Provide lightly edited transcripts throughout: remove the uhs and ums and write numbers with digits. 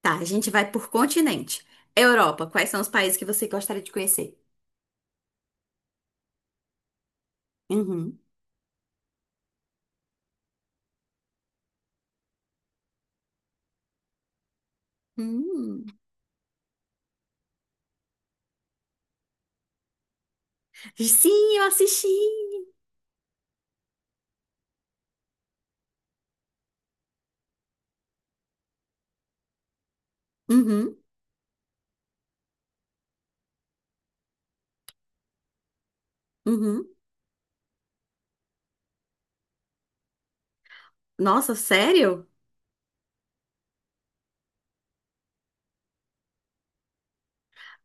Tá, a gente vai por continente. Europa, quais são os países que você gostaria de conhecer? Uhum. Hum. Sim, eu assisti. Uhum, uhum. Nossa, sério?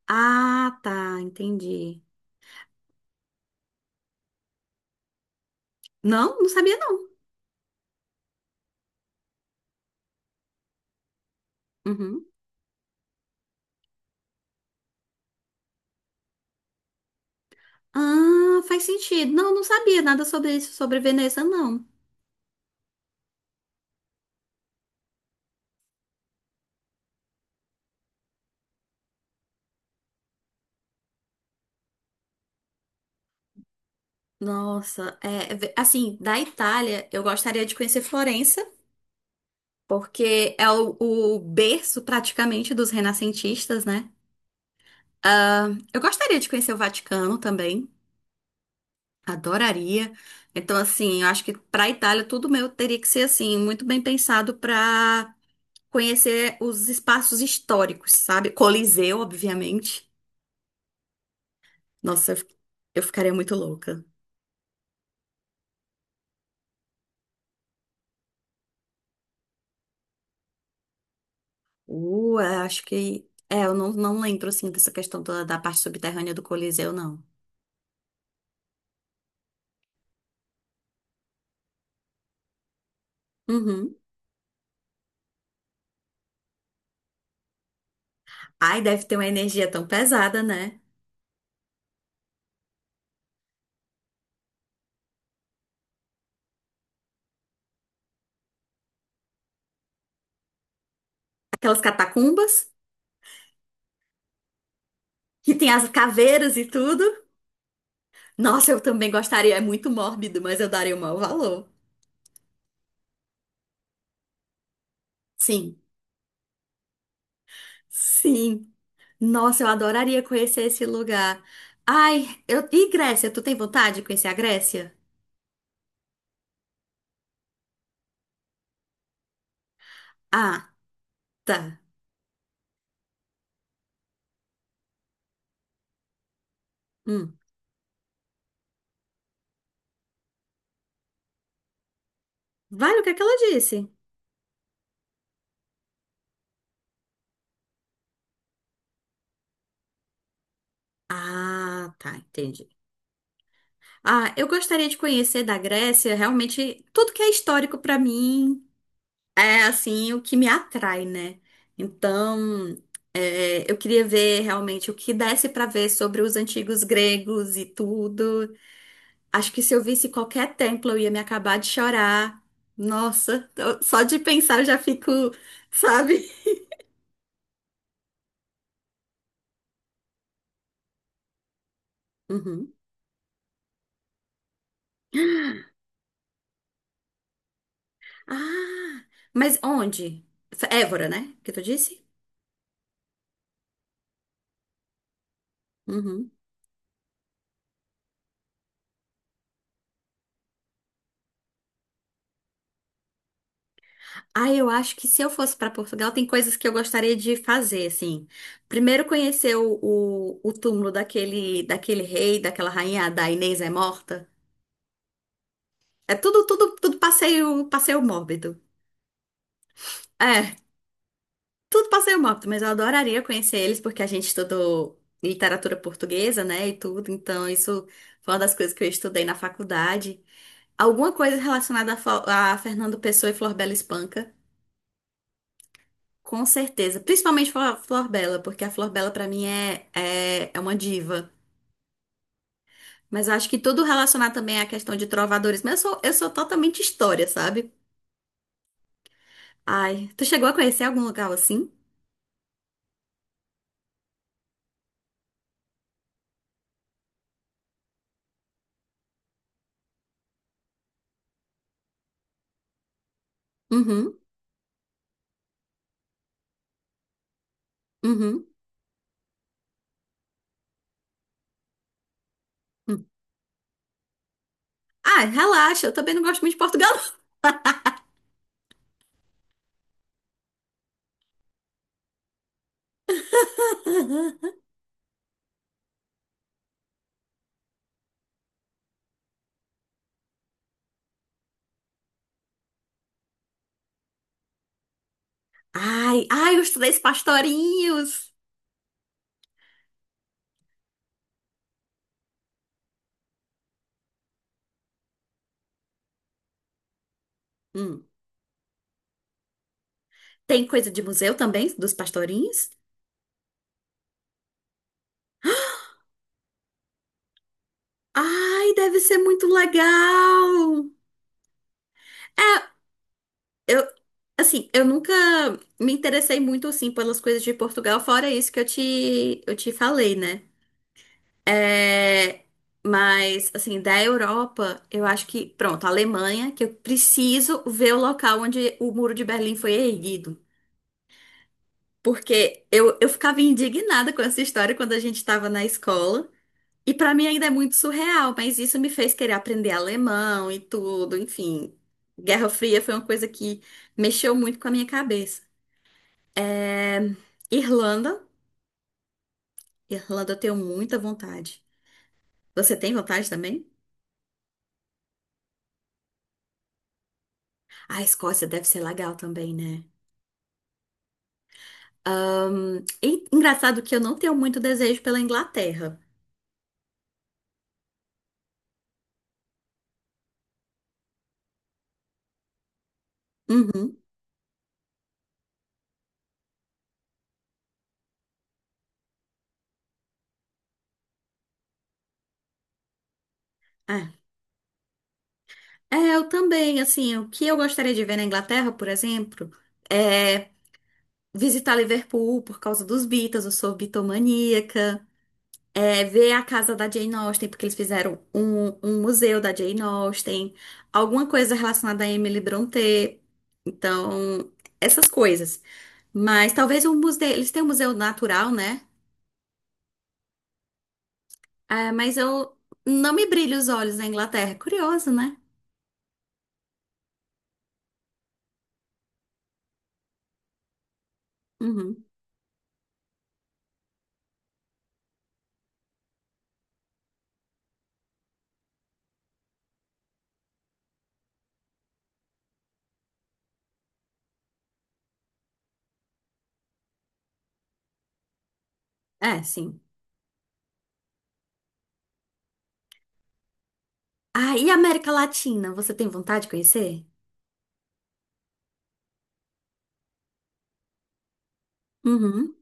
Ah, tá, entendi. Não, não sabia não. Uhum. Ah, faz sentido. Não, não sabia nada sobre isso, sobre Veneza, não. Nossa, é, assim, da Itália, eu gostaria de conhecer Florença, porque é o berço praticamente dos renascentistas, né? Ah, eu gostaria de conhecer o Vaticano também, adoraria. Então, assim, eu acho que para a Itália tudo meu teria que ser assim, muito bem pensado para conhecer os espaços históricos, sabe? Coliseu, obviamente. Nossa, eu fi- eu ficaria muito louca. Eu acho que. É, eu não, não lembro assim dessa questão da parte subterrânea do Coliseu, não. Uhum. Ai, deve ter uma energia tão pesada, né? Aquelas catacumbas que tem as caveiras e tudo. Nossa, eu também gostaria, é muito mórbido, mas eu daria o maior valor. Sim, sim. Nossa, eu adoraria conhecer esse lugar. Ai, eu... e Grécia? Tu tem vontade de conhecer a Grécia? Ah, tá. Hum. Vale o que é que ela disse? Ah, tá, entendi. Ah, eu gostaria de conhecer da Grécia realmente tudo que é histórico pra mim, é assim o que me atrai, né? Então, é, eu queria ver realmente o que desse pra ver sobre os antigos gregos e tudo. Acho que se eu visse qualquer templo, eu ia me acabar de chorar. Só de pensar eu já fico, sabe? Uhum. Ah, mas onde? Évora, né? Que tu disse? Uhum. Ah, eu acho que se eu fosse para Portugal, tem coisas que eu gostaria de fazer, assim. Primeiro, conhecer o túmulo daquele rei, daquela rainha, da Inês é morta. É tudo, tudo, tudo passeio, passeio mórbido. É, tudo passeio mórbido, mas eu adoraria conhecer eles, porque a gente estudou literatura portuguesa, né, e tudo. Então, isso foi uma das coisas que eu estudei na faculdade. Alguma coisa relacionada a, a Fernando Pessoa e Flor Bela Espanca. Com certeza. Principalmente a Flor Bela, porque a Flor Bela, pra mim, é uma diva. Mas eu acho que tudo relacionar também à questão de trovadores. Mas eu sou totalmente história, sabe? Ai, tu chegou a conhecer algum lugar assim? Uhum, uhum. Uhum. Ai, relaxa, eu também não gosto muito de Portugal. Ai, ai, os três pastorinhos. Hum. Tem coisa de museu também, dos pastorinhos? Ai, deve ser muito legal. É, eu, assim, eu nunca me interessei muito, assim, pelas coisas de Portugal, fora isso que eu te falei, né? É, mas, assim, da Europa, eu acho que, pronto, a Alemanha, que eu preciso ver o local onde o Muro de Berlim foi erguido. Porque eu ficava indignada com essa história quando a gente estava na escola. E para mim ainda é muito surreal, mas isso me fez querer aprender alemão e tudo, enfim. Guerra Fria foi uma coisa que mexeu muito com a minha cabeça. É, Irlanda. Irlanda eu tenho muita vontade. Você tem vontade também? A Escócia deve ser legal também, né? E engraçado que eu não tenho muito desejo pela Inglaterra. Uhum. É. É, eu também, assim, o que eu gostaria de ver na Inglaterra, por exemplo, é visitar Liverpool por causa dos Beatles, eu sou bitomaníaca. É, ver a casa da Jane Austen, porque eles fizeram um museu da Jane Austen, alguma coisa relacionada a Emily Brontë. Então, essas coisas. Mas talvez um museu. Eles têm um museu natural, né? É, mas eu não me brilho os olhos na Inglaterra. É curioso, né? Uhum. É, sim. Ah, e a América Latina? Você tem vontade de conhecer? Uhum.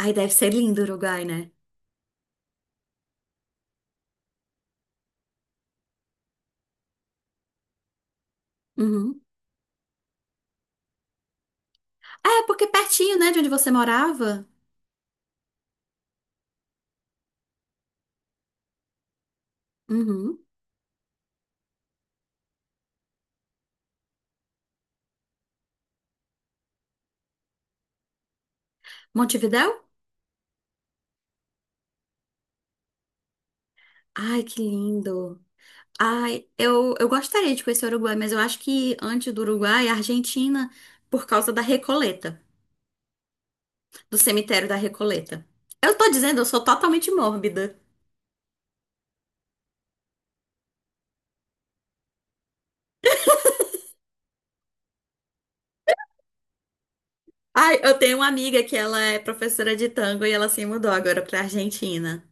Ai, deve ser lindo o Uruguai, né? Uhum. É, porque pertinho, né, de onde você morava? Uhum. Montevidéu? Ai, que lindo. Ai, eu gostaria de conhecer o Uruguai, mas eu acho que antes do Uruguai, a Argentina, por causa da Recoleta, do cemitério da Recoleta. Eu tô dizendo, eu sou totalmente mórbida. Ai, eu tenho uma amiga que ela é professora de tango e ela se mudou agora pra Argentina.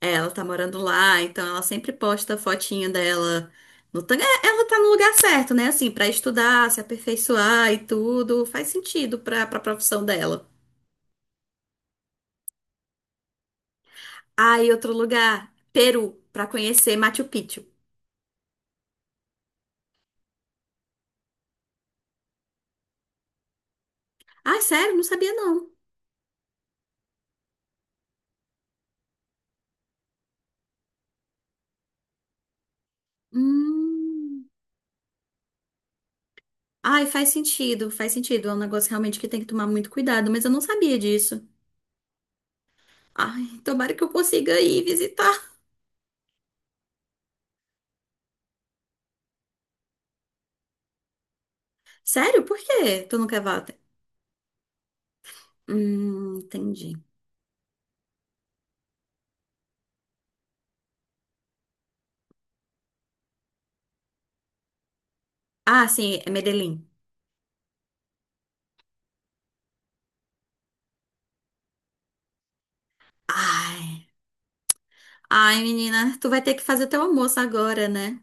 É, ela tá morando lá, então ela sempre posta fotinho dela no tango. É, ela tá no lugar certo, né? Assim, pra estudar, se aperfeiçoar e tudo, faz sentido pra, pra profissão dela. Ah, e outro lugar, Peru, pra conhecer Machu Picchu. Ah, sério? Não sabia não. Hum. Ai, faz sentido, faz sentido. É um negócio realmente que tem que tomar muito cuidado, mas eu não sabia disso. Ai, tomara que eu consiga ir visitar. Sério? Por quê? Tu não quer volta? Entendi. Ah, sim, é Medellín. Ai. Ai, menina, tu vai ter que fazer teu almoço agora, né?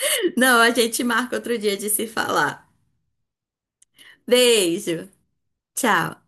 Não, a gente marca outro dia de se falar. Beijo. Tchau.